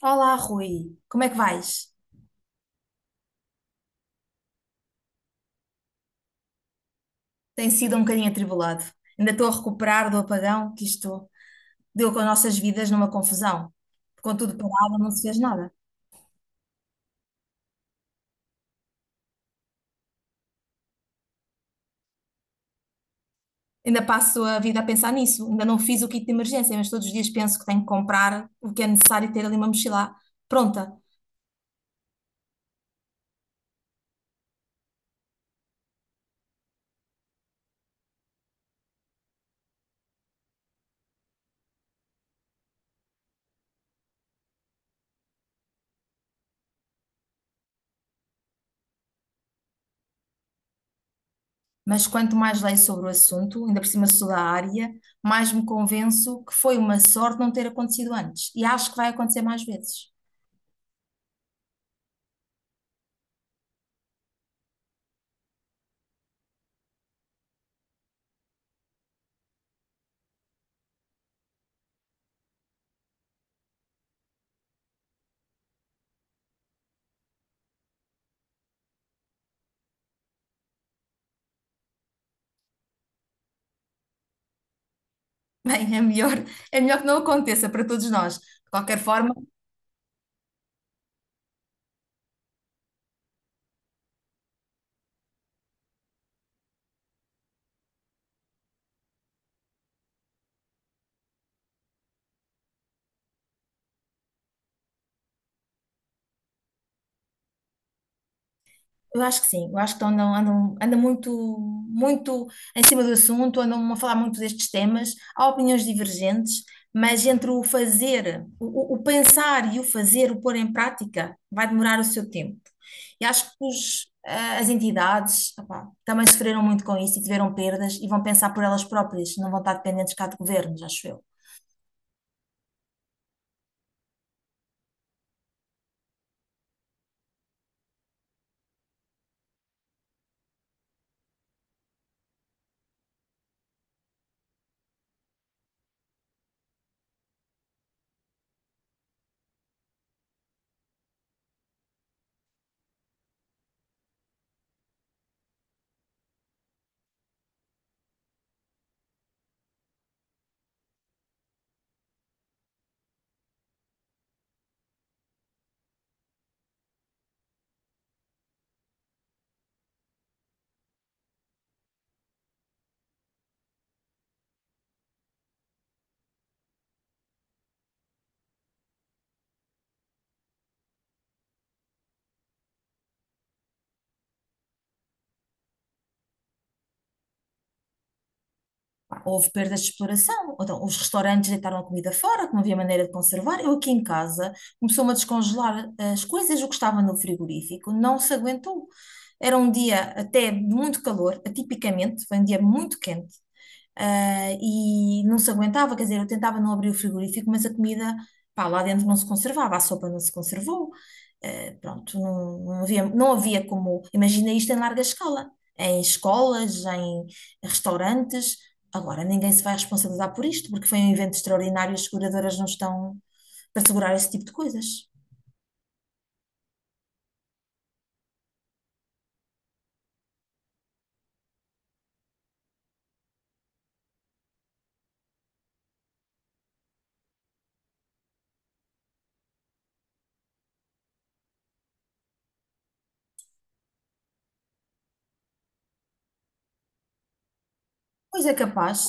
Olá, Rui. Como é que vais? Tem sido um bocadinho atribulado. Ainda estou a recuperar do apagão que isto deu com as nossas vidas numa confusão. Com tudo parado, não se fez nada. Ainda passo a vida a pensar nisso. Ainda não fiz o kit de emergência, mas todos os dias penso que tenho que comprar o que é necessário e ter ali uma mochila pronta. Mas quanto mais leio sobre o assunto, ainda por cima sou da área, mais me convenço que foi uma sorte não ter acontecido antes. E acho que vai acontecer mais vezes. Bem, é melhor que não aconteça para todos nós. De qualquer forma, eu acho que sim, eu acho que andam muito em cima do assunto, andam a falar muito destes temas. Há opiniões divergentes, mas entre o fazer, o pensar e o fazer, o pôr em prática, vai demorar o seu tempo. E acho que as entidades, opá, também sofreram muito com isso e tiveram perdas e vão pensar por elas próprias, não vão estar dependentes cá de governos, acho eu. Pá, houve perdas de exploração, então, os restaurantes deitaram a comida fora, que não havia maneira de conservar. Eu aqui em casa começou-me a descongelar as coisas, o que estava no frigorífico, não se aguentou. Era um dia até de muito calor, atipicamente, foi um dia muito quente, e não se aguentava, quer dizer, eu tentava não abrir o frigorífico, mas a comida, pá, lá dentro não se conservava, a sopa não se conservou, não havia como. Imagina isto em larga escala, em escolas, em restaurantes. Agora ninguém se vai responsabilizar por isto, porque foi um evento extraordinário e as seguradoras não estão para segurar esse tipo de coisas. Pois é capaz.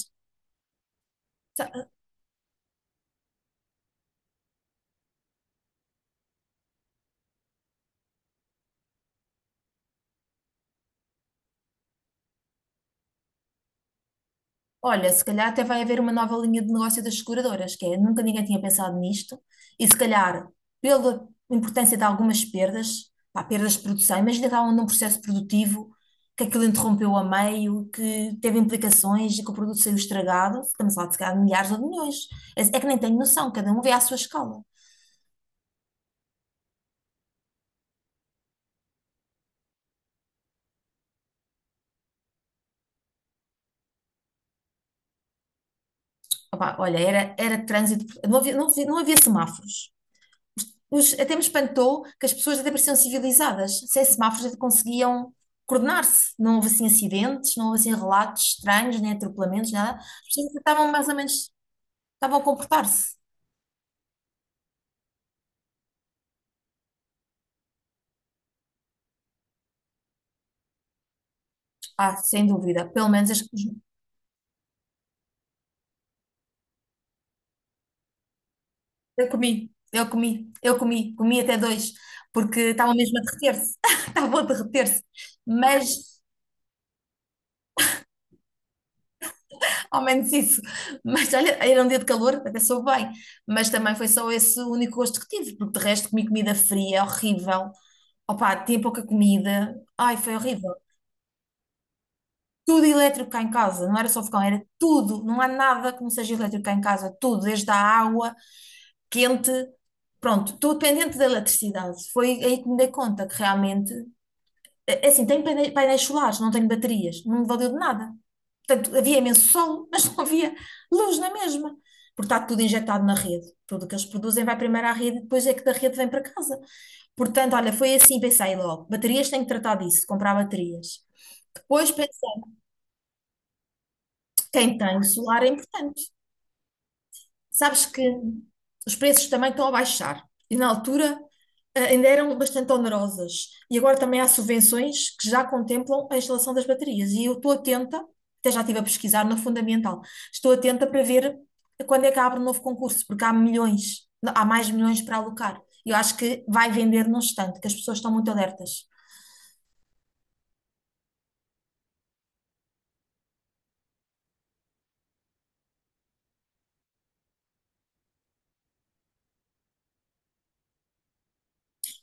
Olha, se calhar até vai haver uma nova linha de negócio das seguradoras, que é nunca ninguém tinha pensado nisto, e se calhar, pela importância de algumas perdas, pá, perdas de produção, imagina que estavam num processo produtivo que aquilo interrompeu a meio, que teve implicações e que o produto saiu estragado, estamos lá de se calhar de milhares ou de milhões. É, é que nem tenho noção, cada um vê à sua escala. Opá, olha, era trânsito, não havia semáforos. Até me espantou que as pessoas até pareciam civilizadas, sem semáforos até conseguiam coordenar-se. Não houve assim acidentes, não houve assim relatos estranhos, nem atropelamentos, nada. As pessoas até estavam mais ou menos, estavam a comportar-se. Ah, sem dúvida. Pelo menos comi até dois, porque estavam mesmo a derreter-se. Estavam a derreter-se. Mas, ao menos isso. Mas olha, era um dia de calor, até soube bem. Mas também foi só esse o único gosto que tive, porque de resto comi comida fria, horrível. Opa, tinha pouca comida. Ai, foi horrível. Tudo elétrico cá em casa, não era só fogão, era tudo. Não há nada que não seja elétrico cá em casa, tudo, desde a água quente. Pronto, estou dependente da eletricidade. Foi aí que me dei conta que realmente é assim, tenho painéis solares, não tenho baterias, não me valeu de nada. Portanto, havia imenso sol, mas não havia luz na mesma, porque está tudo injetado na rede. Tudo o que eles produzem vai primeiro à rede, depois é que da rede vem para casa. Portanto, olha, foi assim, pensei logo, baterias tenho que tratar disso, comprar baterias. Depois pensei, quem tem solar é importante. Sabes que os preços também estão a baixar e na altura ainda eram bastante onerosas. E agora também há subvenções que já contemplam a instalação das baterias. E eu estou atenta, até já estive a pesquisar na Fundamental, estou atenta para ver quando é que abre um novo concurso, porque há milhões, há mais milhões para alocar. Eu acho que vai vender num instante, que as pessoas estão muito alertas.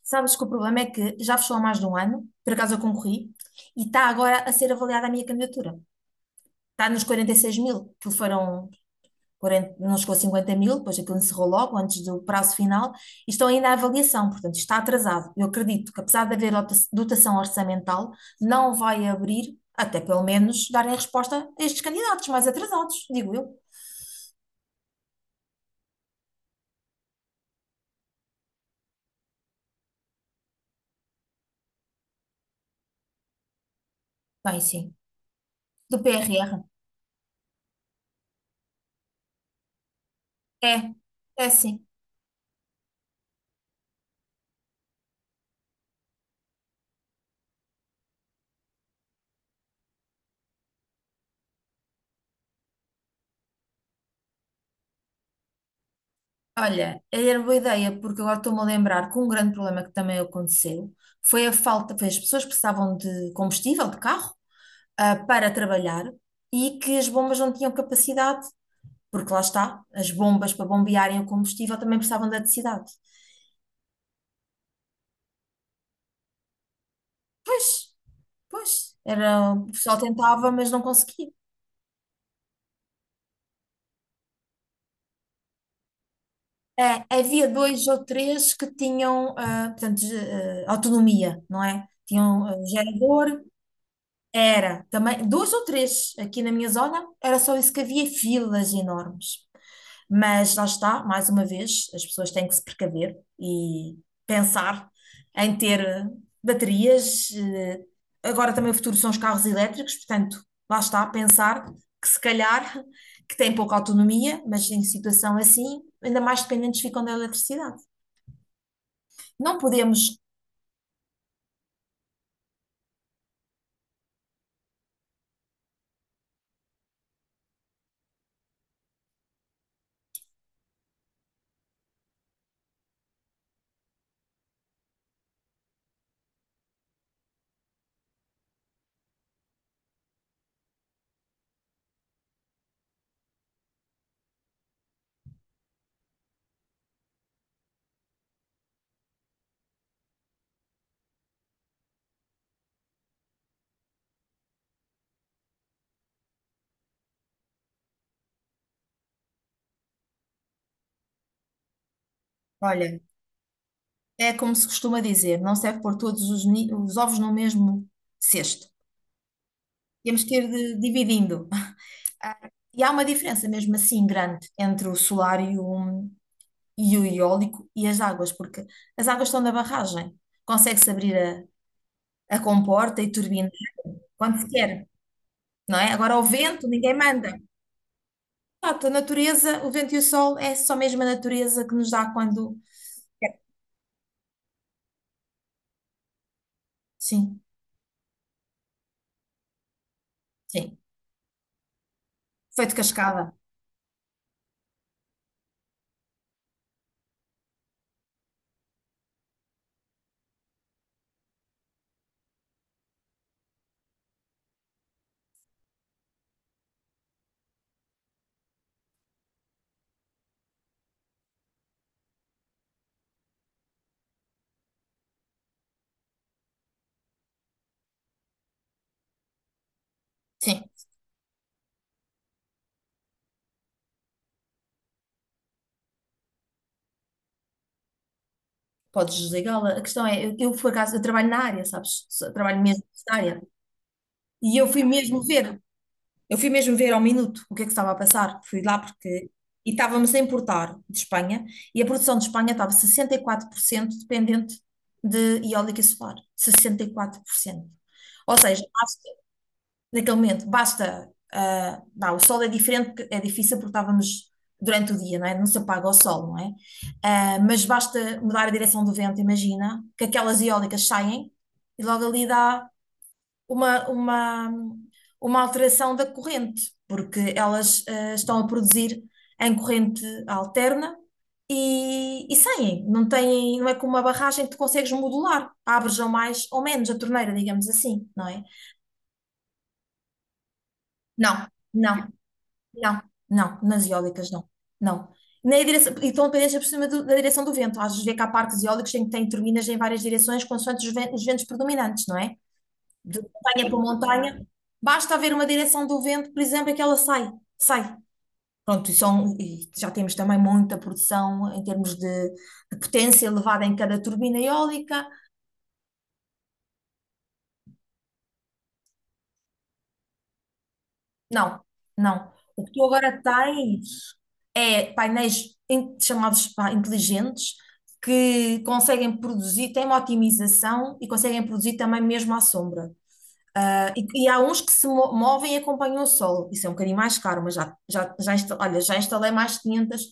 Sabes que o problema é que já fechou há mais de um ano, por acaso eu concorri, e está agora a ser avaliada a minha candidatura. Está nos 46 mil, que foram 40, não chegou a 50 mil, depois aquilo encerrou logo antes do prazo final, e estão ainda à avaliação, portanto, está atrasado. Eu acredito que, apesar de haver dotação orçamental, não vai abrir, até pelo menos darem resposta a estes candidatos mais atrasados, digo eu. Bem, sim. Do PRR. É, é sim. Olha, era boa ideia, porque agora estou-me a lembrar que um grande problema que também aconteceu foi a falta, foi as pessoas que precisavam de combustível, de carro, para trabalhar, e que as bombas não tinham capacidade, porque lá está, as bombas para bombearem o combustível também precisavam de eletricidade. Pois, pois, era. O pessoal tentava, mas não conseguia. É, havia dois ou três que tinham, portanto, autonomia, não é? Tinham, gerador. Era, também, duas ou três aqui na minha zona, era só isso que havia, filas enormes. Mas lá está, mais uma vez, as pessoas têm que se precaver e pensar em ter baterias. Agora também o futuro são os carros elétricos, portanto, lá está, pensar que se calhar que têm pouca autonomia, mas em situação assim, ainda mais dependentes ficam da eletricidade. Não podemos, olha, é como se costuma dizer, não serve pôr todos os ovos no mesmo cesto. Temos que ir dividindo. Ah, e há uma diferença mesmo assim grande entre o solar e o eólico e as águas, porque as águas estão na barragem. Consegue-se abrir a comporta e turbina quando se quer, não é? Agora o vento, ninguém manda. Pronto, a natureza, o vento e o sol é só mesmo a natureza que nos dá quando. Sim, sim. Feito cascada. Sim, podes desligá-la. A questão é, eu por acaso, eu trabalho na área, sabes? Trabalho mesmo nesta área. E eu fui mesmo ver. Eu fui mesmo ver ao minuto o que é que estava a passar. Fui lá porque. E estávamos a importar de Espanha, e a produção de Espanha estava 64% dependente de eólica e solar. 64%. Ou seja, basta, naquele momento, basta. Não, o sol é diferente, porque é difícil porque estávamos durante o dia, não é? Não se apaga o sol, não é? Ah, mas basta mudar a direção do vento, imagina, que aquelas eólicas saem e logo ali dá uma, uma, uma alteração da corrente, porque elas estão a produzir em corrente alterna e saem. Não têm, não é como uma barragem que tu consegues modular, abres ou mais ou menos a torneira, digamos assim, não é? Não, não, não, não, nas eólicas não, não. Na direção, e estão dependentes por cima do- da direção do vento. Às vezes vê que há parques eólicos em que têm turbinas em várias direções, consoante os ventos predominantes, não é? De montanha para montanha, basta haver uma direção do vento, por exemplo, e que ela sai, sai. Pronto, e, são, e já temos também muita produção em termos de potência elevada em cada turbina eólica. Não, não. O que tu agora tens é painéis chamados pá, inteligentes, que conseguem produzir, têm uma otimização e conseguem produzir também mesmo à sombra. Ah, e há uns que se movem e acompanham o sol. Isso é um bocadinho mais caro, mas olha, já instalei mais de 500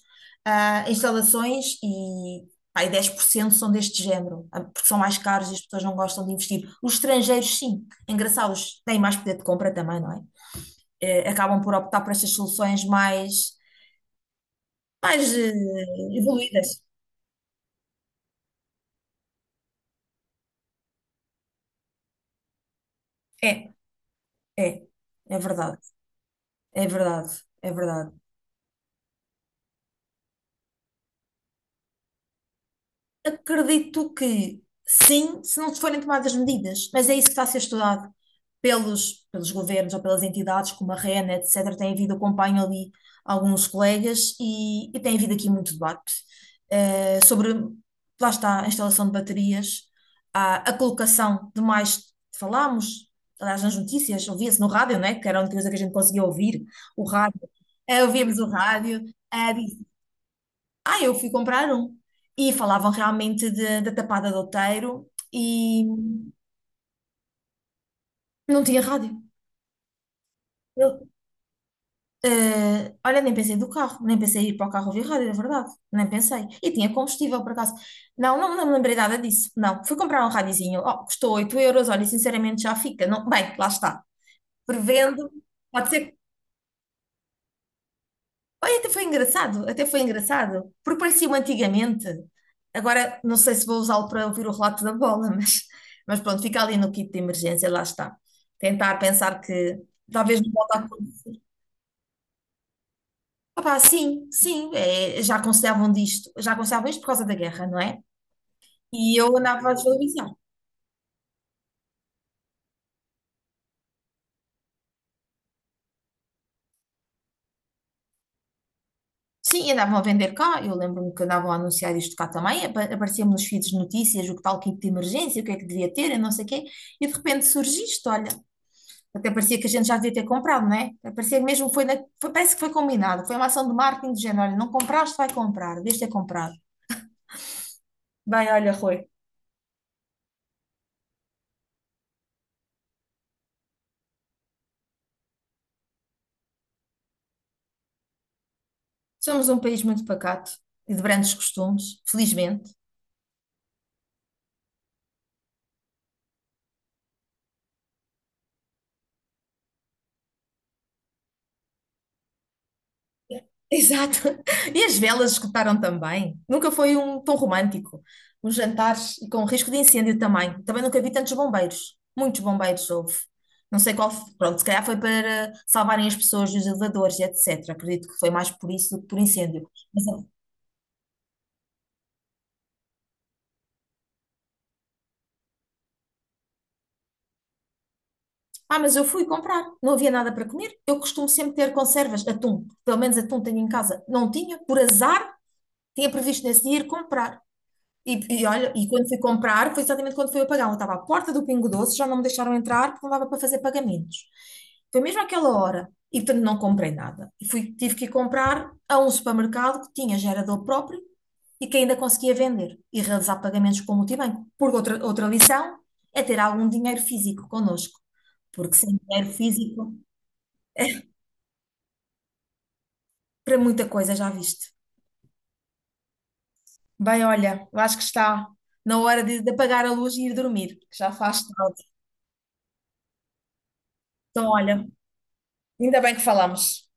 instalações, e pá, e 10% são deste género, porque são mais caros e as pessoas não gostam de investir. Os estrangeiros, sim, engraçados, têm mais poder de compra também, não é? Acabam por optar por estas soluções mais, evoluídas. É, é, é verdade, é verdade, é verdade. Acredito que sim, se não se forem tomadas medidas, mas é isso que está a ser estudado pelos governos ou pelas entidades como a REN, etc. Tem havido, acompanho ali alguns colegas e tem havido aqui muito debate sobre, lá está, a instalação de baterias, a colocação de mais, falámos, aliás, nas notícias, ouvia-se no rádio, né, que era a única coisa que a gente conseguia ouvir, o rádio. Ouvíamos o rádio, eu fui comprar um. E falavam realmente da Tapada do Outeiro, e não tinha rádio. Eu, olha, nem pensei do carro, nem pensei em ir para o carro ouvir rádio, é verdade. Nem pensei. E tinha combustível, por acaso. Não, não, não me lembrei nada disso. Não, fui comprar um radiozinho. Oh, custou 8 euros, olha, sinceramente já fica. Não, bem, lá está. Prevendo, pode ser. Olha, até foi engraçado, porque parecia-me antigamente. Agora não sei se vou usá-lo para ouvir o relato da bola, mas pronto, fica ali no kit de emergência, lá está. Tentar pensar que talvez não volte a acontecer. Opá, sim, sim, é, já aconselhavam disto, já aconselhavam isto por causa da guerra, não é? E eu andava a desvalorizar. Sim, andavam a vender cá, eu lembro-me que andavam a anunciar isto cá também, aparecia-me nos feeds de notícias o que tal kit de emergência, o que é que devia ter, eu não sei o quê, e de repente surge isto, olha. Até parecia que a gente já devia ter comprado, não é? Parecia que mesmo foi, parece que foi combinado. Foi uma ação de marketing de género. Olha, não compraste, vai comprar. Devias ter comprado. Bem, olha, Rui, somos um país muito pacato e de grandes costumes, felizmente. Exato. E as velas escutaram também. Nunca foi um tão romântico. Os jantares e com risco de incêndio também. Também nunca vi tantos bombeiros. Muitos bombeiros houve. Não sei qual. Pronto, se calhar foi para salvarem as pessoas dos elevadores, etc. Acredito que foi mais por isso do que por incêndio. Ah, mas eu fui comprar, não havia nada para comer. Eu costumo sempre ter conservas, atum, pelo menos atum tenho em casa. Não tinha, por azar, tinha previsto nesse dia ir comprar. E, e olha, e quando fui comprar, foi exatamente quando fui a pagar. Eu estava à porta do Pingo Doce, já não me deixaram entrar porque não dava para fazer pagamentos. Foi mesmo àquela hora. E portanto não comprei nada. E fui, tive que ir comprar a um supermercado que tinha gerador próprio, e que ainda conseguia vender e realizar pagamentos com o multibanco. Porque outra, outra lição é ter algum dinheiro físico connosco. Porque sem dinheiro físico, para muita coisa já viste. Bem, olha, eu acho que está na hora de apagar a luz e ir dormir, que já faz tarde. Então, olha, ainda bem que falamos.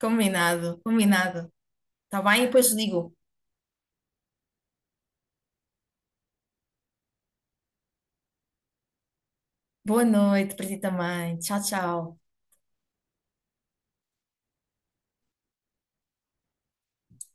Combinado, combinado. Tá bem? E depois digo. Boa noite para ti também. Tchau, tchau.